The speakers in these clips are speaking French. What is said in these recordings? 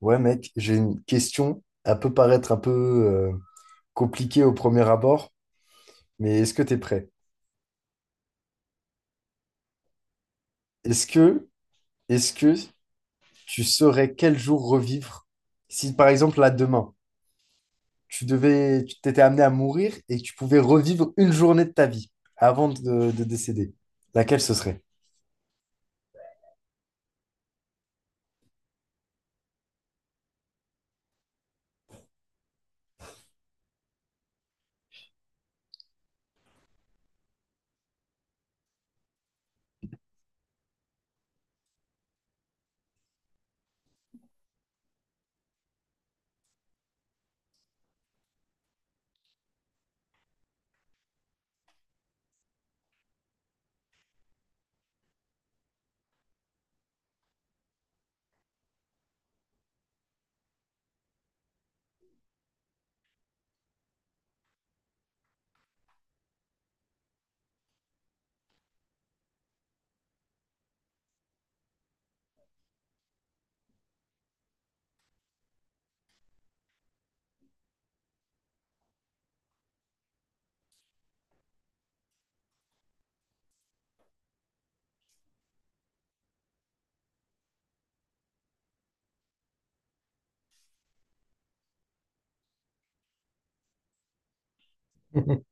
Ouais, mec, j'ai une question. Elle peut paraître un peu compliquée au premier abord, mais est-ce que t'es prêt? Est-ce que, est-ce que tu saurais quel jour revivre si, par exemple, là, demain, tu t'étais amené à mourir et que tu pouvais revivre une journée de ta vie avant de décéder? Laquelle ce serait?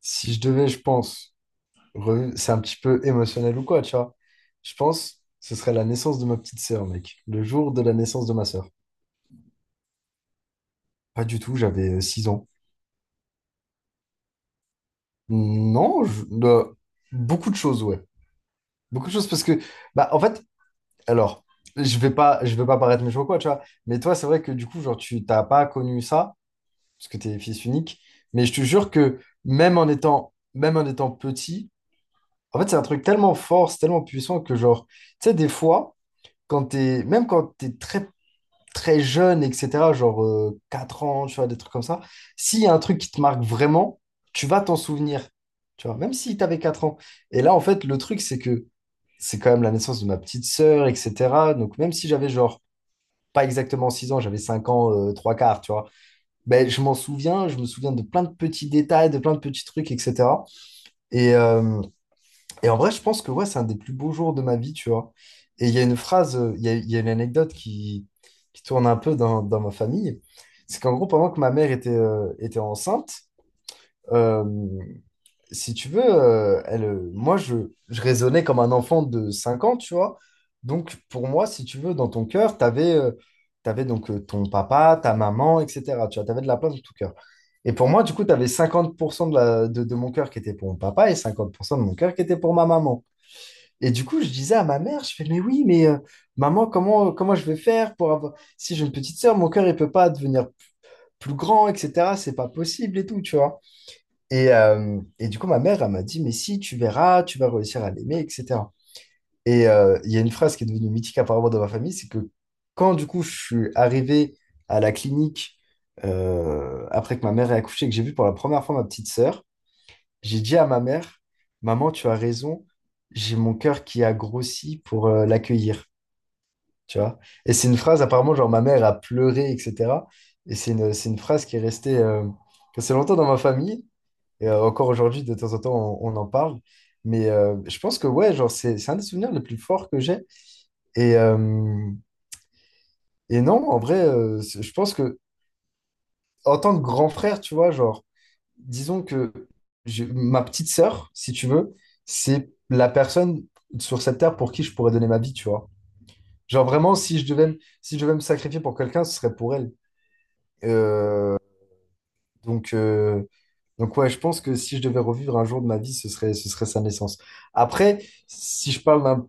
Si je devais, je pense, c'est un petit peu émotionnel ou quoi, tu vois. Je pense, ce serait la naissance de ma petite sœur, mec. Le jour de la naissance de ma sœur. Pas du tout, j'avais 6 ans. Non, beaucoup de choses, ouais. Beaucoup de choses parce que, bah, en fait, alors, je vais pas paraître méchant ou quoi, tu vois. Mais toi, c'est vrai que du coup, genre, tu t'as pas connu ça parce que t'es fils unique. Mais je te jure que même en étant petit, en fait, c'est un truc tellement fort, c'est tellement puissant que genre, tu sais, des fois, même quand t'es très très jeune, etc., genre 4 ans, tu vois, des trucs comme ça, s'il y a un truc qui te marque vraiment, tu vas t'en souvenir, tu vois, même si tu avais 4 ans. Et là, en fait, le truc, c'est que c'est quand même la naissance de ma petite sœur, etc. Donc, même si j'avais genre pas exactement 6 ans, j'avais 5 ans, 3 quarts, tu vois, ben, je m'en souviens, je me souviens de plein de petits détails, de plein de petits trucs, etc. Et, euh, et en vrai, je pense que ouais, c'est un des plus beaux jours de ma vie, tu vois. Et il y a une phrase, il y a une anecdote qui tourne un peu dans ma famille. C'est qu'en gros, pendant que ma mère était enceinte, euh, si tu veux, moi, je raisonnais comme un enfant de 5 ans, tu vois. Donc, pour moi, si tu veux, dans ton cœur, tu avais, donc ton papa, ta maman, etc. Tu vois, tu avais de la place dans ton cœur. Et pour moi, du coup, tu avais 50% de mon cœur qui était pour mon papa et 50% de mon cœur qui était pour ma maman. Et du coup, je disais à ma mère, je fais, mais oui, mais maman, comment je vais faire pour avoir... Si j'ai une petite sœur, mon cœur, il peut pas devenir plus grand, etc. C'est pas possible et tout, tu vois. Et du coup, ma mère, elle m'a dit, mais si, tu verras, tu vas réussir à l'aimer, etc. Et il y a une phrase qui est devenue mythique apparemment dans ma famille, c'est que quand du coup, je suis arrivé à la clinique après que ma mère ait accouché et que j'ai vu pour la première fois ma petite sœur, j'ai dit à ma mère, Maman, tu as raison, j'ai mon cœur qui a grossi pour l'accueillir. Tu vois? Et c'est une phrase, apparemment, genre ma mère a pleuré, etc. Et c'est une phrase qui est restée assez longtemps dans ma famille. Et encore aujourd'hui, de temps en temps, on en parle. Mais je pense que, ouais, genre, c'est un des souvenirs les plus forts que j'ai. Et, euh, et non, en vrai, je pense que, en tant que grand frère, tu vois, genre, disons que ma petite sœur, si tu veux, c'est la personne sur cette terre pour qui je pourrais donner ma vie, tu vois. Genre vraiment, si je devais me sacrifier pour quelqu'un, ce serait pour elle. Euh, donc, euh, donc ouais, je pense que si je devais revivre un jour de ma vie, ce serait sa naissance. Après, si je parle d'un,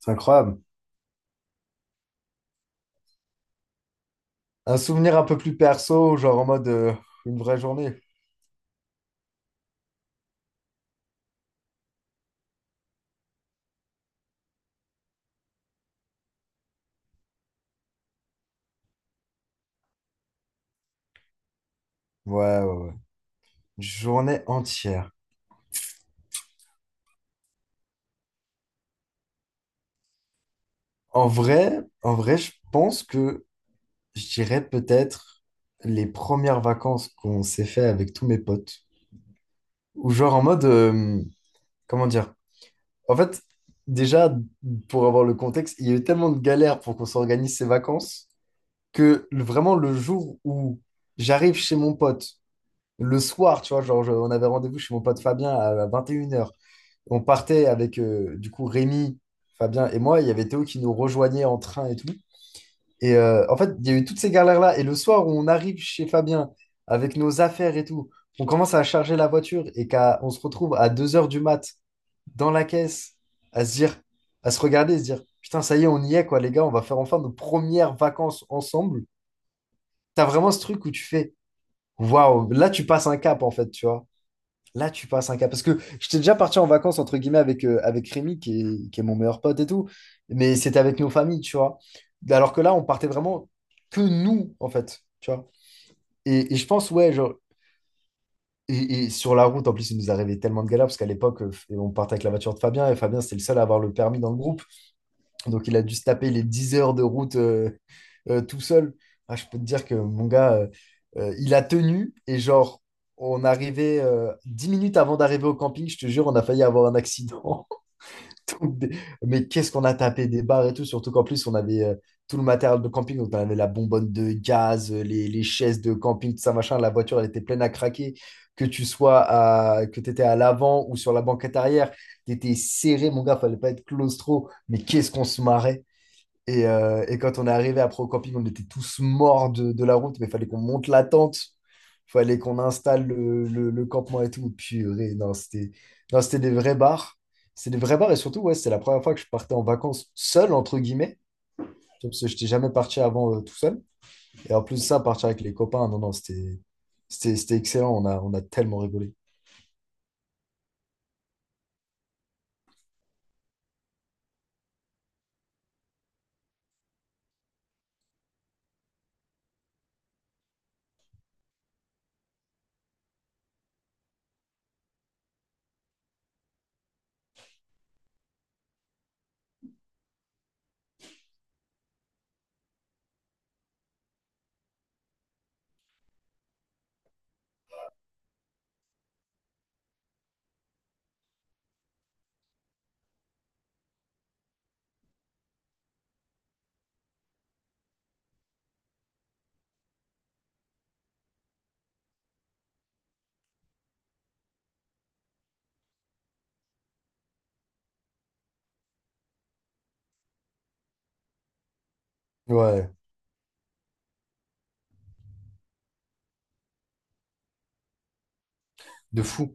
c'est incroyable, un souvenir un peu plus perso, genre en mode une vraie journée. Ouais, ouais, ouais. Journée entière. En vrai, je pense que je dirais peut-être les premières vacances qu'on s'est fait avec tous mes potes. Ou genre en mode, comment dire? En fait, déjà, pour avoir le contexte, il y a eu tellement de galères pour qu'on s'organise ces vacances que vraiment le jour où j'arrive chez mon pote, le soir, tu vois, genre on avait rendez-vous chez mon pote Fabien à 21 heures. On partait avec du coup Rémi, Fabien et moi. Il y avait Théo qui nous rejoignait en train et tout. Et en fait, il y a eu toutes ces galères-là. Et le soir où on arrive chez Fabien avec nos affaires et tout, on commence à charger la voiture et on se retrouve à 2 heures du mat dans la caisse à se dire, à se regarder et se dire, putain, ça y est, on y est, quoi, les gars, on va faire enfin nos premières vacances ensemble. T'as vraiment ce truc où tu fais, waouh, là, tu passes un cap, en fait, tu vois. Là, tu passes un cap. Parce que j'étais déjà parti en vacances, entre guillemets, avec Rémi, qui est mon meilleur pote et tout. Mais c'était avec nos familles, tu vois. Alors que là, on partait vraiment que nous, en fait. Tu vois. Et je pense, ouais, genre. Et sur la route, en plus, il nous arrivait tellement de galères, parce qu'à l'époque, on partait avec la voiture de Fabien, et Fabien, c'était le seul à avoir le permis dans le groupe. Donc, il a dû se taper les 10 heures de route tout seul. Ah, je peux te dire que mon gars, il a tenu et genre, on arrivait 10 minutes avant d'arriver au camping, je te jure, on a failli avoir un accident. Donc, des- Mais qu'est-ce qu'on a tapé des barres et tout, surtout qu'en plus, on avait tout le matériel de camping. Donc, on avait la bonbonne de gaz, les chaises de camping, tout ça, machin. La voiture, elle était pleine à craquer. Que tu étais à l'avant ou sur la banquette arrière, tu étais serré, mon gars, fallait pas être claustro. Mais qu'est-ce qu'on se marrait. Et quand on est arrivé après au camping, on était tous morts de la route, mais il fallait qu'on monte la tente, il fallait qu'on installe le campement et tout. Purée, non, c'était non, c'était des vrais bars. C'était des vrais bars et surtout, ouais, c'était la première fois que je partais en vacances seul, entre guillemets, parce que je n'étais jamais parti avant tout seul. Et en plus de ça, partir avec les copains, non, non, c'était excellent, on a tellement rigolé. Ouais, de fou.